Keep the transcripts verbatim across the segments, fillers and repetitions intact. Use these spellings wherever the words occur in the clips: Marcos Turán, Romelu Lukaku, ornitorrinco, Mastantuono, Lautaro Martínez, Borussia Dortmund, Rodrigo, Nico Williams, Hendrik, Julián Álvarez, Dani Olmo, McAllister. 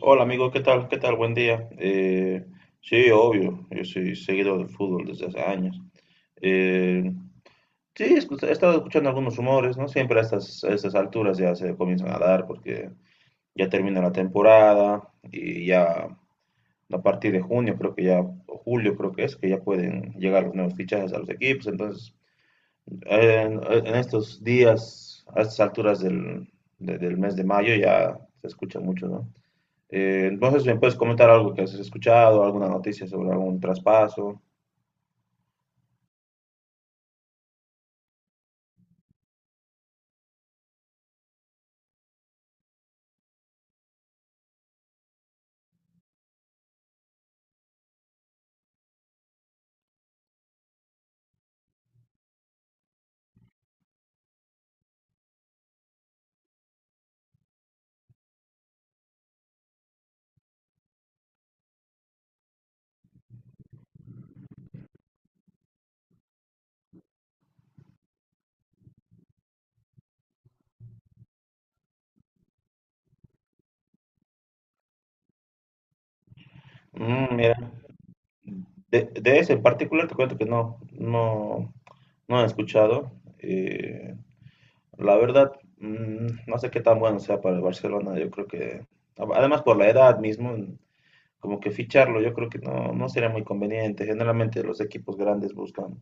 Hola amigo, ¿qué tal? ¿Qué tal? Buen día. Eh, sí, obvio, yo soy seguidor del fútbol desde hace años. Eh, sí, he escu- he estado escuchando algunos rumores, ¿no? Siempre a estas, a estas alturas ya se comienzan a dar porque ya termina la temporada y ya a partir de junio creo que ya, o julio creo que es, que ya pueden llegar los nuevos fichajes a los equipos. Entonces, eh, en, en estos días, a estas alturas del, de- del mes de mayo ya se escucha mucho, ¿no? Eh, entonces, ¿me puedes comentar algo que has escuchado, alguna noticia sobre algún traspaso? Mm, mira, de, de ese en particular te cuento que no, no, no he escuchado. Eh, la verdad, mm, no sé qué tan bueno sea para el Barcelona. Yo creo que, además por la edad mismo, como que ficharlo, yo creo que no, no sería muy conveniente. Generalmente los equipos grandes buscan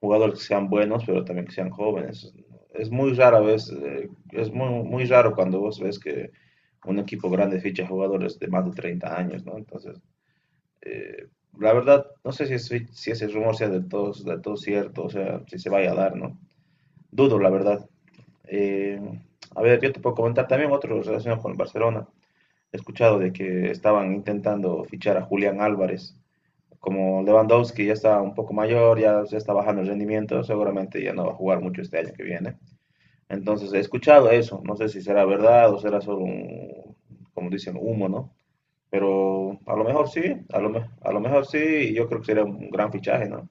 jugadores que sean buenos, pero también que sean jóvenes. Es muy rara vez, eh, es muy, muy raro cuando vos ves que un equipo grande ficha jugadores de más de treinta años, ¿no? Entonces, eh, la verdad, no sé si, es- fi- si ese rumor sea del todo, del todo cierto, o sea, si se vaya a dar, ¿no? Dudo, la verdad. Eh, a ver, yo te puedo comentar también otro relacionado con el Barcelona. He escuchado de que estaban intentando fichar a Julián Álvarez, como Lewandowski ya está un poco mayor, ya, ya está bajando el rendimiento, seguramente ya no va a jugar mucho este año que viene. Entonces he escuchado eso, no sé si será verdad o será solo un, como dicen, humo, ¿no? Pero a lo mejor sí, a lo, me- a lo mejor sí, y yo creo que sería un gran fichaje, ¿no?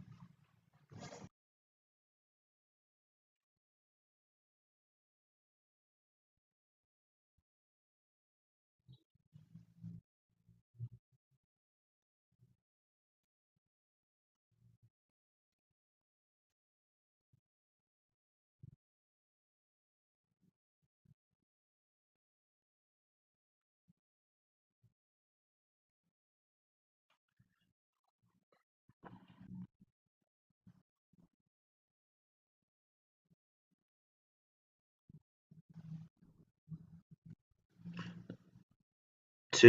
Sí,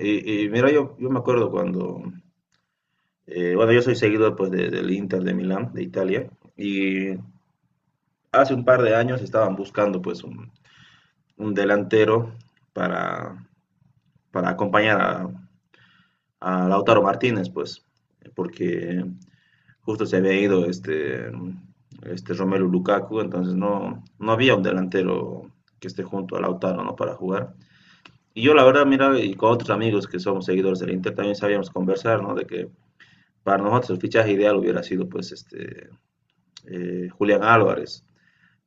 y, y mira, yo, yo me acuerdo cuando, eh, bueno, yo soy seguidor pues de- del Inter de Milán, de Italia, y hace un par de años estaban buscando pues un, un delantero para, para acompañar a, a Lautaro Martínez, pues, porque justo se había ido este, este Romelu Lukaku, entonces no, no había un delantero que esté junto a Lautaro, ¿no? Para jugar. Y yo la verdad, mira, y con otros amigos que somos seguidores del Inter también sabíamos conversar, ¿no? De que para nosotros el fichaje ideal hubiera sido, pues, este, eh, Julián Álvarez,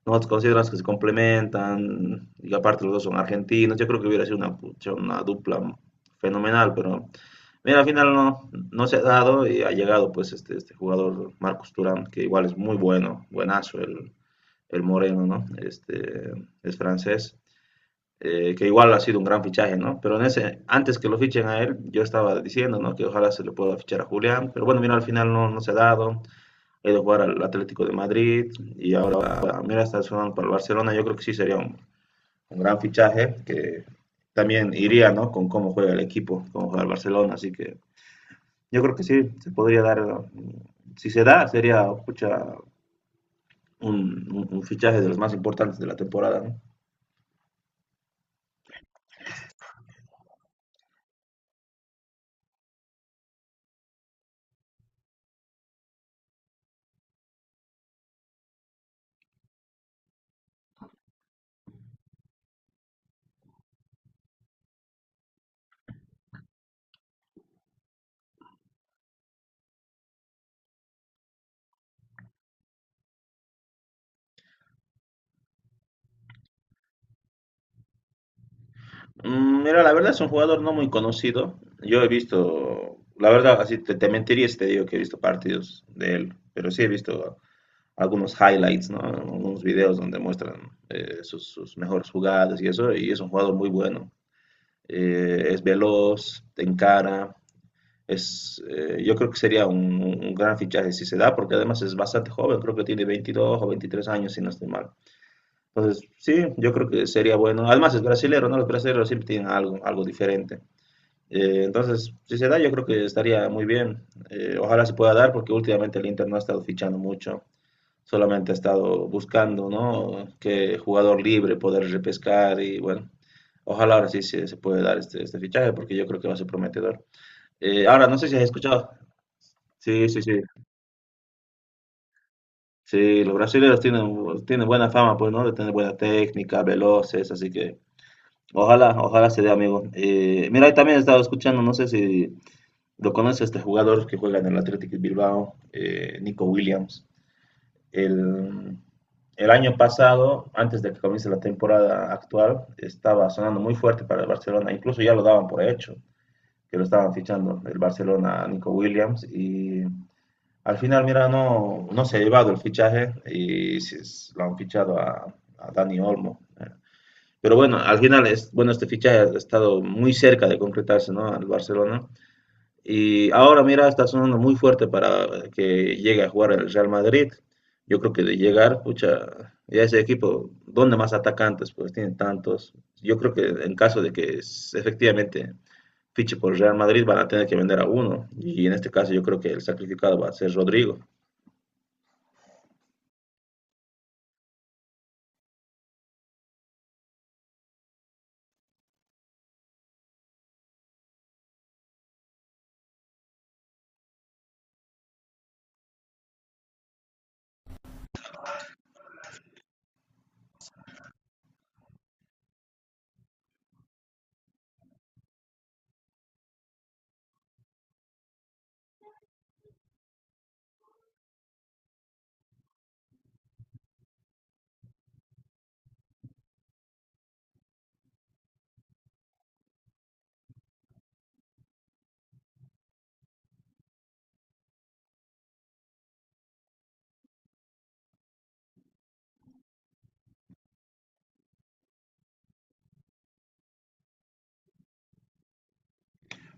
nosotros consideramos que se complementan y aparte los dos son argentinos. Yo creo que hubiera sido una, pucha, una dupla fenomenal, pero mira, al final no, no se ha dado y ha llegado pues este, este jugador Marcos Turán, que igual es muy bueno, buenazo el, el Moreno, ¿no? Este, es francés. Eh, que igual ha sido un gran fichaje, ¿no? Pero en ese, antes que lo fichen a él, yo estaba diciendo, ¿no? Que ojalá se le pueda fichar a Julián, pero bueno, mira, al final no, no se ha dado he ido a jugar al Atlético de Madrid y ahora mira está sonando para el Barcelona. Yo creo que sí sería un, un gran fichaje que también iría, ¿no? Con cómo juega el equipo, cómo juega el Barcelona. Así que yo creo que sí, se podría dar. Mm, si se da, sería pucha, un, un- un fichaje de los más importantes de la temporada, ¿no? Mm, mira, la verdad es un jugador no muy conocido. Yo he visto, la verdad, así te, te mentiría si te digo que he visto partidos de él, pero sí he visto algunos highlights, ¿no? Algunos videos donde muestran eh, sus, sus mejores jugadas y eso, y es un jugador muy bueno. Eh, es veloz, te encara, es, eh, yo creo que sería un, un gran fichaje si se da, porque además es bastante joven, creo que tiene veintidós o veintitrés años, si no estoy mal. Entonces, sí, yo creo que sería bueno. Además es brasilero, ¿no? Los brasileños siempre tienen algo, algo diferente. Eh, entonces, si se da, yo creo que estaría muy bien. Eh, ojalá se pueda dar, porque últimamente el Inter no ha estado fichando mucho. Solamente ha estado buscando, ¿no? Que jugador libre poder repescar y bueno, ojalá ahora sí se, se puede dar este, este fichaje porque yo creo que va a ser prometedor. Eh, ahora, no sé si has escuchado. Sí, sí, sí. Sí, los brasileños tienen, tienen buena fama, pues, ¿no? De tener buena técnica, veloces, así que ojalá, ojalá se dé, amigo. Eh, mira, y también he estado escuchando, no sé si lo conoces, este jugador que juega en el Athletic Bilbao, eh, Nico Williams. el, el año pasado, antes de que comience la temporada actual, estaba sonando muy fuerte para el Barcelona, incluso ya lo daban por hecho, que lo estaban fichando el Barcelona a Nico Williams y al final, mira, no, no se ha llevado el fichaje y se, lo han fichado a, a, Dani Olmo. Pero bueno, al final, es, bueno, este fichaje ha estado muy cerca de concretarse, ¿no? Al Barcelona y ahora, mira, está sonando muy fuerte para que llegue a jugar el Real Madrid. Yo creo que de llegar, pucha, ya ese equipo, ¿dónde más atacantes? Pues tiene tantos. Yo creo que en caso de que s- efectivamente fiche por Real Madrid, van a tener que vender a uno. Y en este caso, yo creo que el sacrificado va a ser Rodrigo.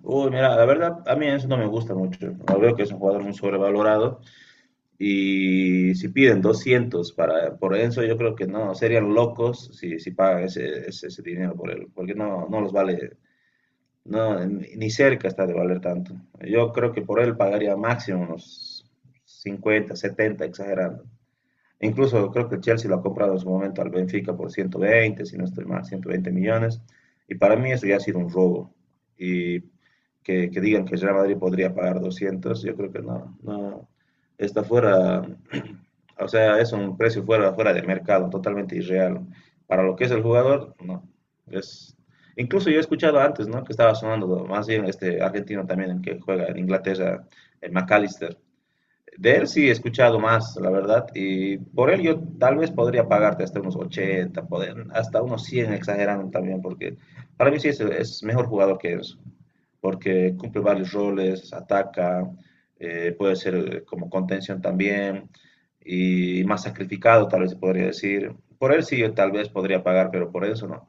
Uy, mira, la verdad, a mí eso no me gusta mucho. Lo veo que es un jugador muy sobrevalorado. Y si piden doscientos para, por eso yo creo que no, serían locos si, si pagan ese, ese, ese dinero por él, porque no, no los vale, no, ni cerca está de valer tanto. Yo creo que por él pagaría máximo unos cincuenta setenta exagerando. Incluso creo que el Chelsea lo ha comprado en su momento al Benfica por ciento veinte, si no estoy mal, ciento veinte millones. Y para mí eso ya ha sido un robo. Y que, que digan que Real Madrid podría pagar doscientos, yo creo que no, no está fuera, o sea, es un precio fuera, fuera de mercado, totalmente irreal. Para lo que es el jugador, no. Es, incluso yo he escuchado antes, ¿no? Que estaba sonando más bien este argentino también, el que juega en Inglaterra, el McAllister de él sí he escuchado más, la verdad, y por él yo tal vez podría pagarte hasta unos ochenta, poder, hasta unos cien, exagerando también, porque para mí sí es, es mejor jugador que eso, porque cumple varios roles, ataca, eh, puede ser eh, como contención también, y más sacrificado tal vez se podría decir. Por él sí yo tal vez podría pagar, pero por eso no.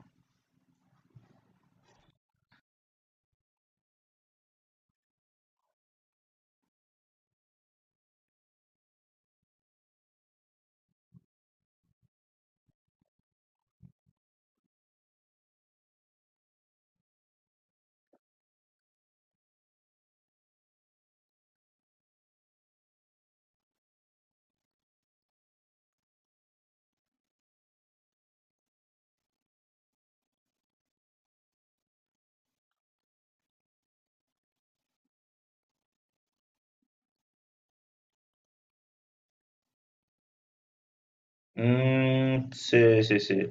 Mm, sí, sí, sí.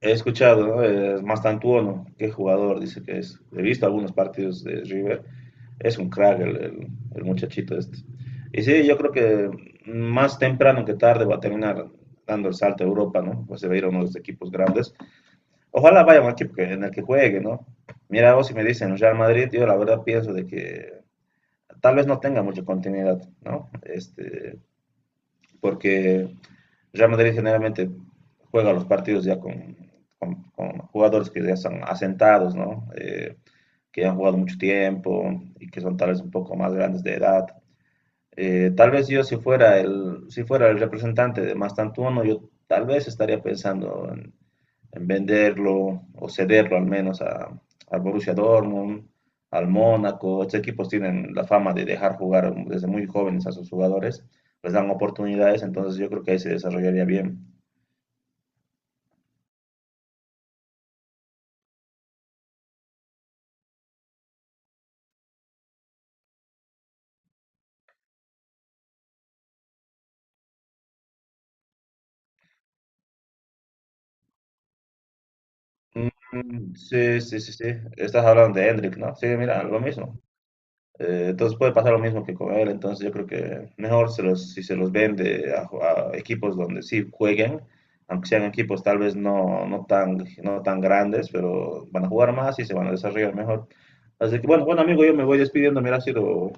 He escuchado, ¿no? Eh, Mastantuono, qué jugador, dice que es. He visto algunos partidos de River. Es un crack el, el- el muchachito este. Y sí, yo creo que más temprano que tarde va a terminar dando el salto a Europa, ¿no? Pues se va a ir a uno de los equipos grandes. Ojalá vaya a un equipo que- en el que juegue, ¿no? Mira, vos si me dicen Real Madrid, yo la verdad pienso de que tal vez no tenga mucha continuidad, ¿no? Este, porque Real Madrid generalmente juega los partidos ya con, con, con jugadores que ya están asentados, ¿no? Eh, que ya han jugado mucho tiempo y que son tal vez un poco más grandes de edad. Eh, tal vez yo si fuera el, si fuera el representante de Mastantuono, yo tal vez estaría pensando en, en venderlo o cederlo al menos a, al Borussia Dortmund, al Mónaco. Estos equipos tienen la fama de dejar jugar desde muy jóvenes a sus jugadores, les dan oportunidades, entonces yo creo que ahí se desarrollaría bien. Mm, sí, sí, sí, sí. Estás hablando de Hendrik, ¿no? Sí, mira, lo mismo. Eh, entonces puede pasar lo mismo que con él. Entonces yo creo que mejor se los, si se los vende a, a equipos donde sí jueguen, aunque sean equipos tal vez no, no, tan, no tan grandes, pero van a jugar más y se van a desarrollar mejor. Así que bueno, bueno amigo, yo me voy despidiendo. Mira, ha sido,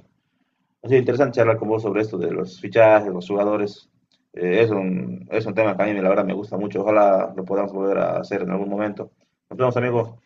ha sido interesante charlar con vos sobre esto de los fichajes, los jugadores. Eh, es, un, es un tema que a mí la verdad me gusta mucho. Ojalá lo podamos volver a hacer en algún momento. Nos vemos amigos.